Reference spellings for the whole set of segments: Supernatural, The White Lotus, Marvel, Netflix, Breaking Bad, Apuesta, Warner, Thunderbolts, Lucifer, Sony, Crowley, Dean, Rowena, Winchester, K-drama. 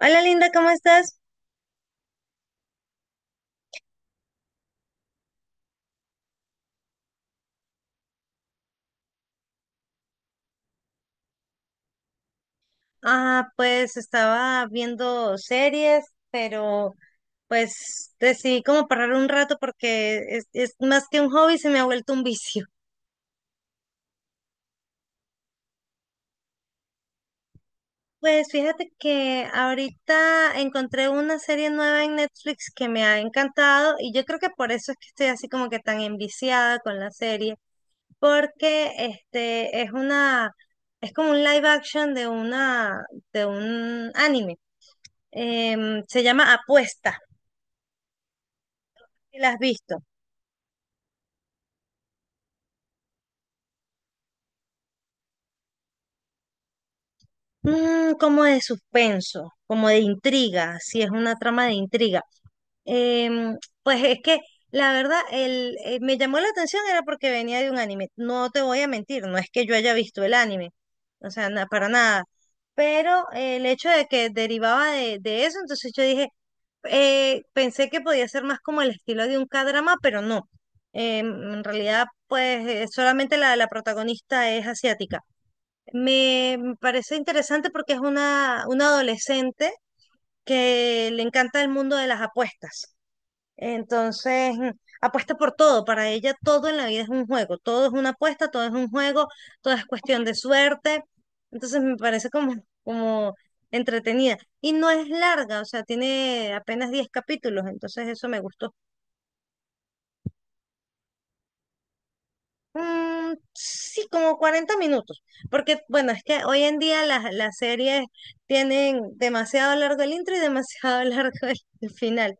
Hola Linda, ¿cómo estás? Ah, pues estaba viendo series, pero pues decidí como parar un rato porque es más que un hobby, se me ha vuelto un vicio. Pues fíjate que ahorita encontré una serie nueva en Netflix que me ha encantado y yo creo que por eso es que estoy así como que tan enviciada con la serie, porque este es como un live action de un anime. Se llama Apuesta. ¿Si la has visto? Como de suspenso, como de intriga, si es una trama de intriga. Em, pues es que la verdad, me llamó la atención era porque venía de un anime. No te voy a mentir, no es que yo haya visto el anime, o sea, para nada. Pero el hecho de que derivaba de eso, entonces yo dije, pensé que podía ser más como el estilo de un K-drama, pero no. Em, en realidad, pues solamente la protagonista es asiática. Me parece interesante porque es una adolescente que le encanta el mundo de las apuestas. Entonces, apuesta por todo. Para ella todo en la vida es un juego. Todo es una apuesta, todo es un juego, todo es cuestión de suerte. Entonces, me parece como entretenida. Y no es larga, o sea, tiene apenas 10 capítulos. Entonces, eso me gustó. Mm, sí, como 40 minutos, porque bueno, es que hoy en día las series tienen demasiado largo el intro y demasiado largo el final.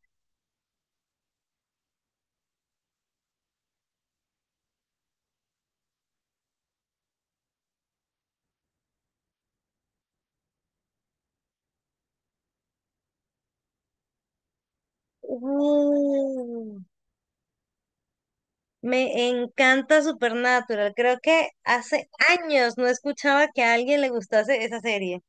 Uh, Me encanta Supernatural, creo que hace años no escuchaba que a alguien le gustase esa serie.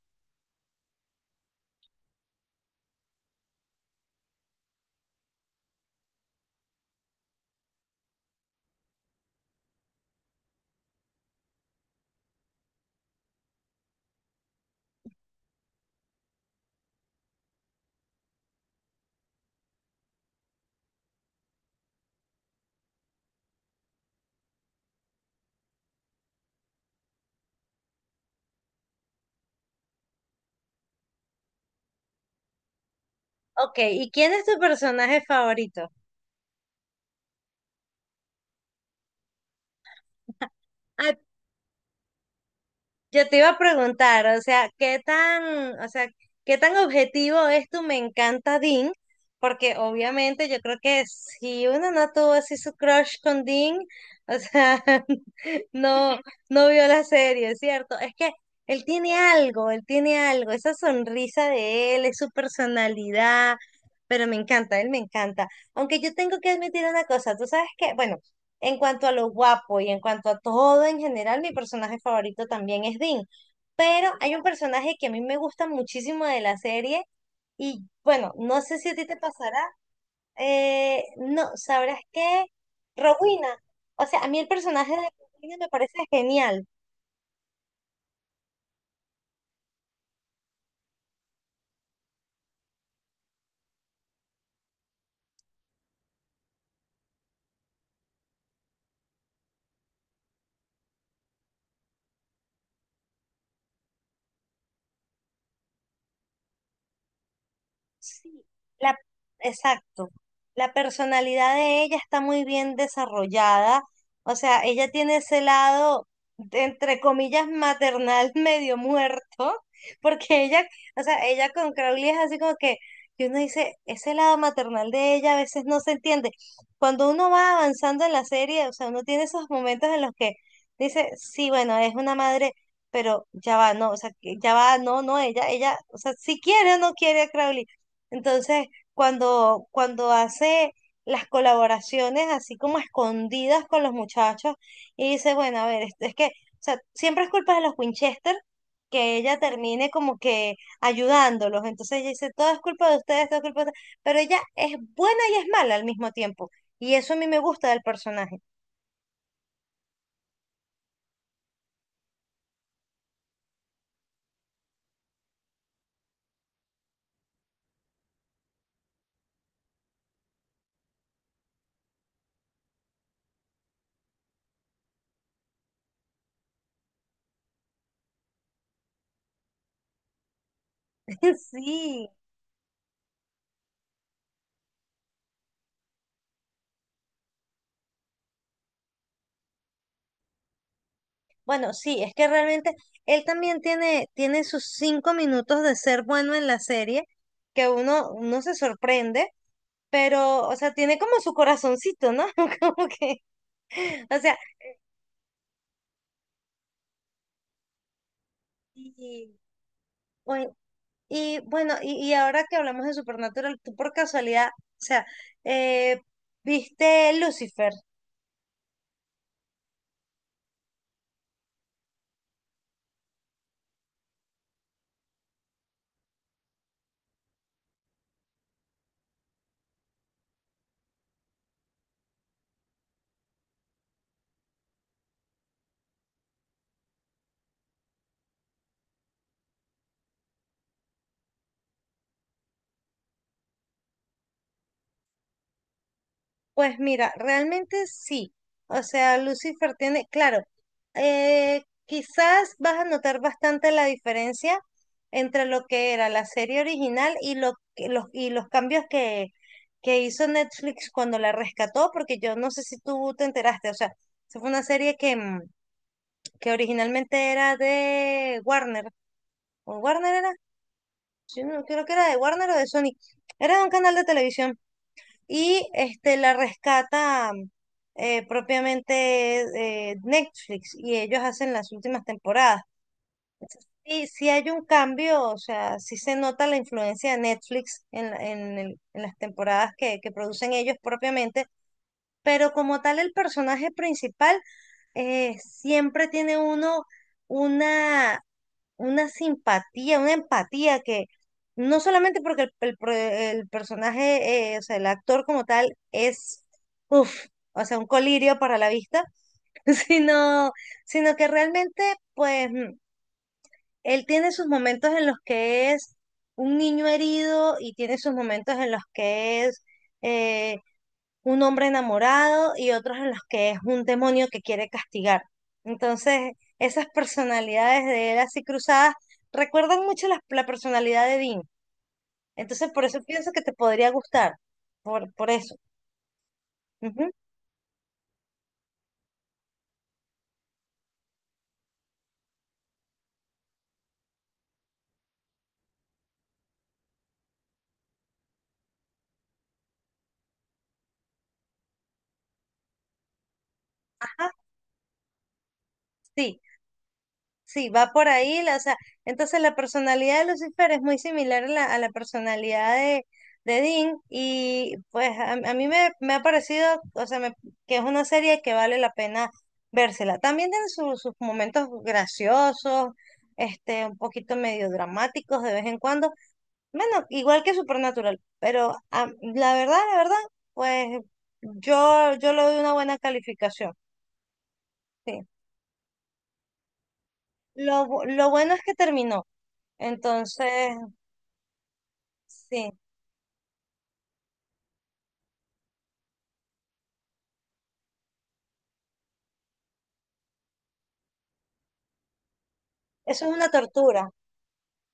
Ok, ¿y quién es tu personaje favorito? Ay, yo te iba a preguntar, o sea, ¿qué tan, o sea, qué tan objetivo es tu "Me encanta Dean"? Porque obviamente yo creo que si uno no tuvo así su crush con Dean, o sea, no, no vio la serie, ¿cierto? Es que él tiene algo, esa sonrisa de él, es su personalidad, pero me encanta, él me encanta. Aunque yo tengo que admitir una cosa, tú sabes que, bueno, en cuanto a lo guapo y en cuanto a todo en general, mi personaje favorito también es Dean. Pero hay un personaje que a mí me gusta muchísimo de la serie y bueno, no sé si a ti te pasará. No, ¿sabrás qué? Rowena. O sea, a mí el personaje de Rowena me parece genial. Sí, la, exacto. La personalidad de ella está muy bien desarrollada. O sea, ella tiene ese lado, entre comillas, maternal medio muerto, porque ella, o sea, ella con Crowley es así como que uno dice, ese lado maternal de ella a veces no se entiende. Cuando uno va avanzando en la serie, o sea, uno tiene esos momentos en los que dice, sí, bueno, es una madre. Pero ya va, no, o sea, que ya va, no, no, ella, o sea, si quiere o no quiere a Crowley entonces, cuando hace las colaboraciones así como escondidas con los muchachos y dice, bueno, a ver, esto es que, o sea, siempre es culpa de los Winchester que ella termine como que ayudándolos. Entonces ella dice, todo es culpa de ustedes, todo es culpa de ustedes. Pero ella es buena y es mala al mismo tiempo. Y eso a mí me gusta del personaje. Sí. Bueno, sí, es que realmente él también tiene sus 5 minutos de ser bueno en la serie, que uno se sorprende, pero, o sea, tiene como su corazoncito, ¿no? Como que, o sea, y, bueno, y bueno, y ahora que hablamos de Supernatural, tú por casualidad, o sea, eh, ¿viste Lucifer? Pues mira, realmente sí. O sea, Lucifer tiene, claro, quizás vas a notar bastante la diferencia entre lo que era la serie original y, lo, y los cambios que hizo Netflix cuando la rescató, porque yo no sé si tú te enteraste, o sea, esa fue una serie que originalmente era de Warner, o Warner era, yo no creo que era de Warner o de Sony, era de un canal de televisión y la rescata propiamente Netflix y ellos hacen las últimas temporadas. Y si hay un cambio, o sea, si se nota la influencia de Netflix en, la- en el- en las temporadas que producen ellos propiamente, pero como tal el personaje principal siempre tiene uno una una simpatía, una empatía que no solamente porque el personaje, o sea, el actor como tal es, uff, o sea, un colirio para la vista, sino, sino que realmente, pues, él tiene sus momentos en los que es un niño herido y tiene sus momentos en los que es... eh, un hombre enamorado y otros en los que es un demonio que quiere castigar. Entonces, esas personalidades de él así cruzadas recuerdan mucho la personalidad de Dean. Entonces, por eso pienso que te podría gustar, por eso. Ujú. Ajá, sí. Sí, va por ahí, o sea, entonces la personalidad de Lucifer es muy similar a la personalidad de Dean y pues a mí me ha parecido, o sea, que es una serie que vale la pena vérsela. También tiene sus momentos graciosos, un poquito medio dramáticos de vez en cuando, bueno, igual que Supernatural, pero ah, la verdad, pues yo le doy una buena calificación, sí. Lo bueno es que terminó. Entonces, sí, eso es una tortura,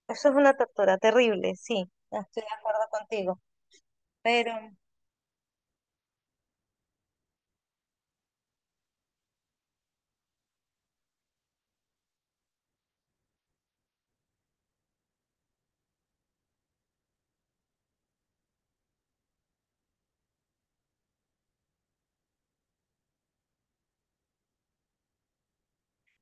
eso es una tortura terrible, sí, estoy de acuerdo contigo. Pero,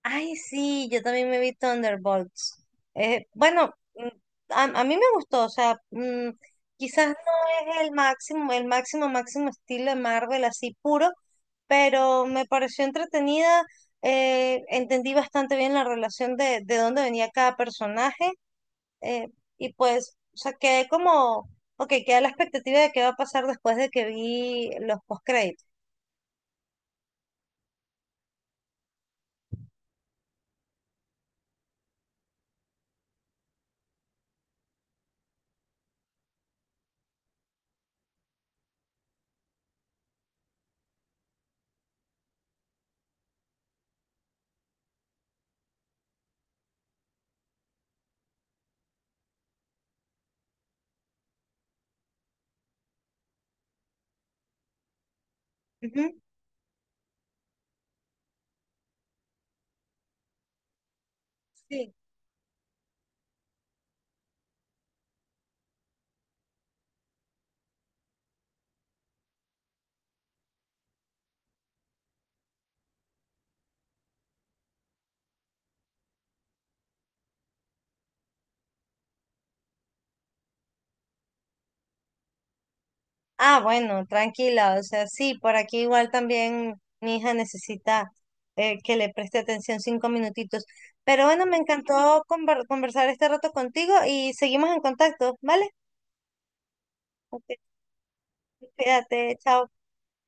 ay, sí, yo también me vi Thunderbolts. Bueno, a mí me gustó, o sea, quizás no es el máximo, máximo estilo de Marvel así puro, pero me pareció entretenida, entendí bastante bien la relación de dónde venía cada personaje eh, y pues, o sea, quedé como, ok, queda la expectativa de qué va a pasar después de que vi los postcréditos. Ujú, sí. Ah, bueno, tranquila, o sea, sí, por aquí igual también mi hija necesita que le preste atención 5 minutitos. Pero bueno, me encantó conversar este rato contigo y seguimos en contacto, ¿vale? Ok, cuídate, chao.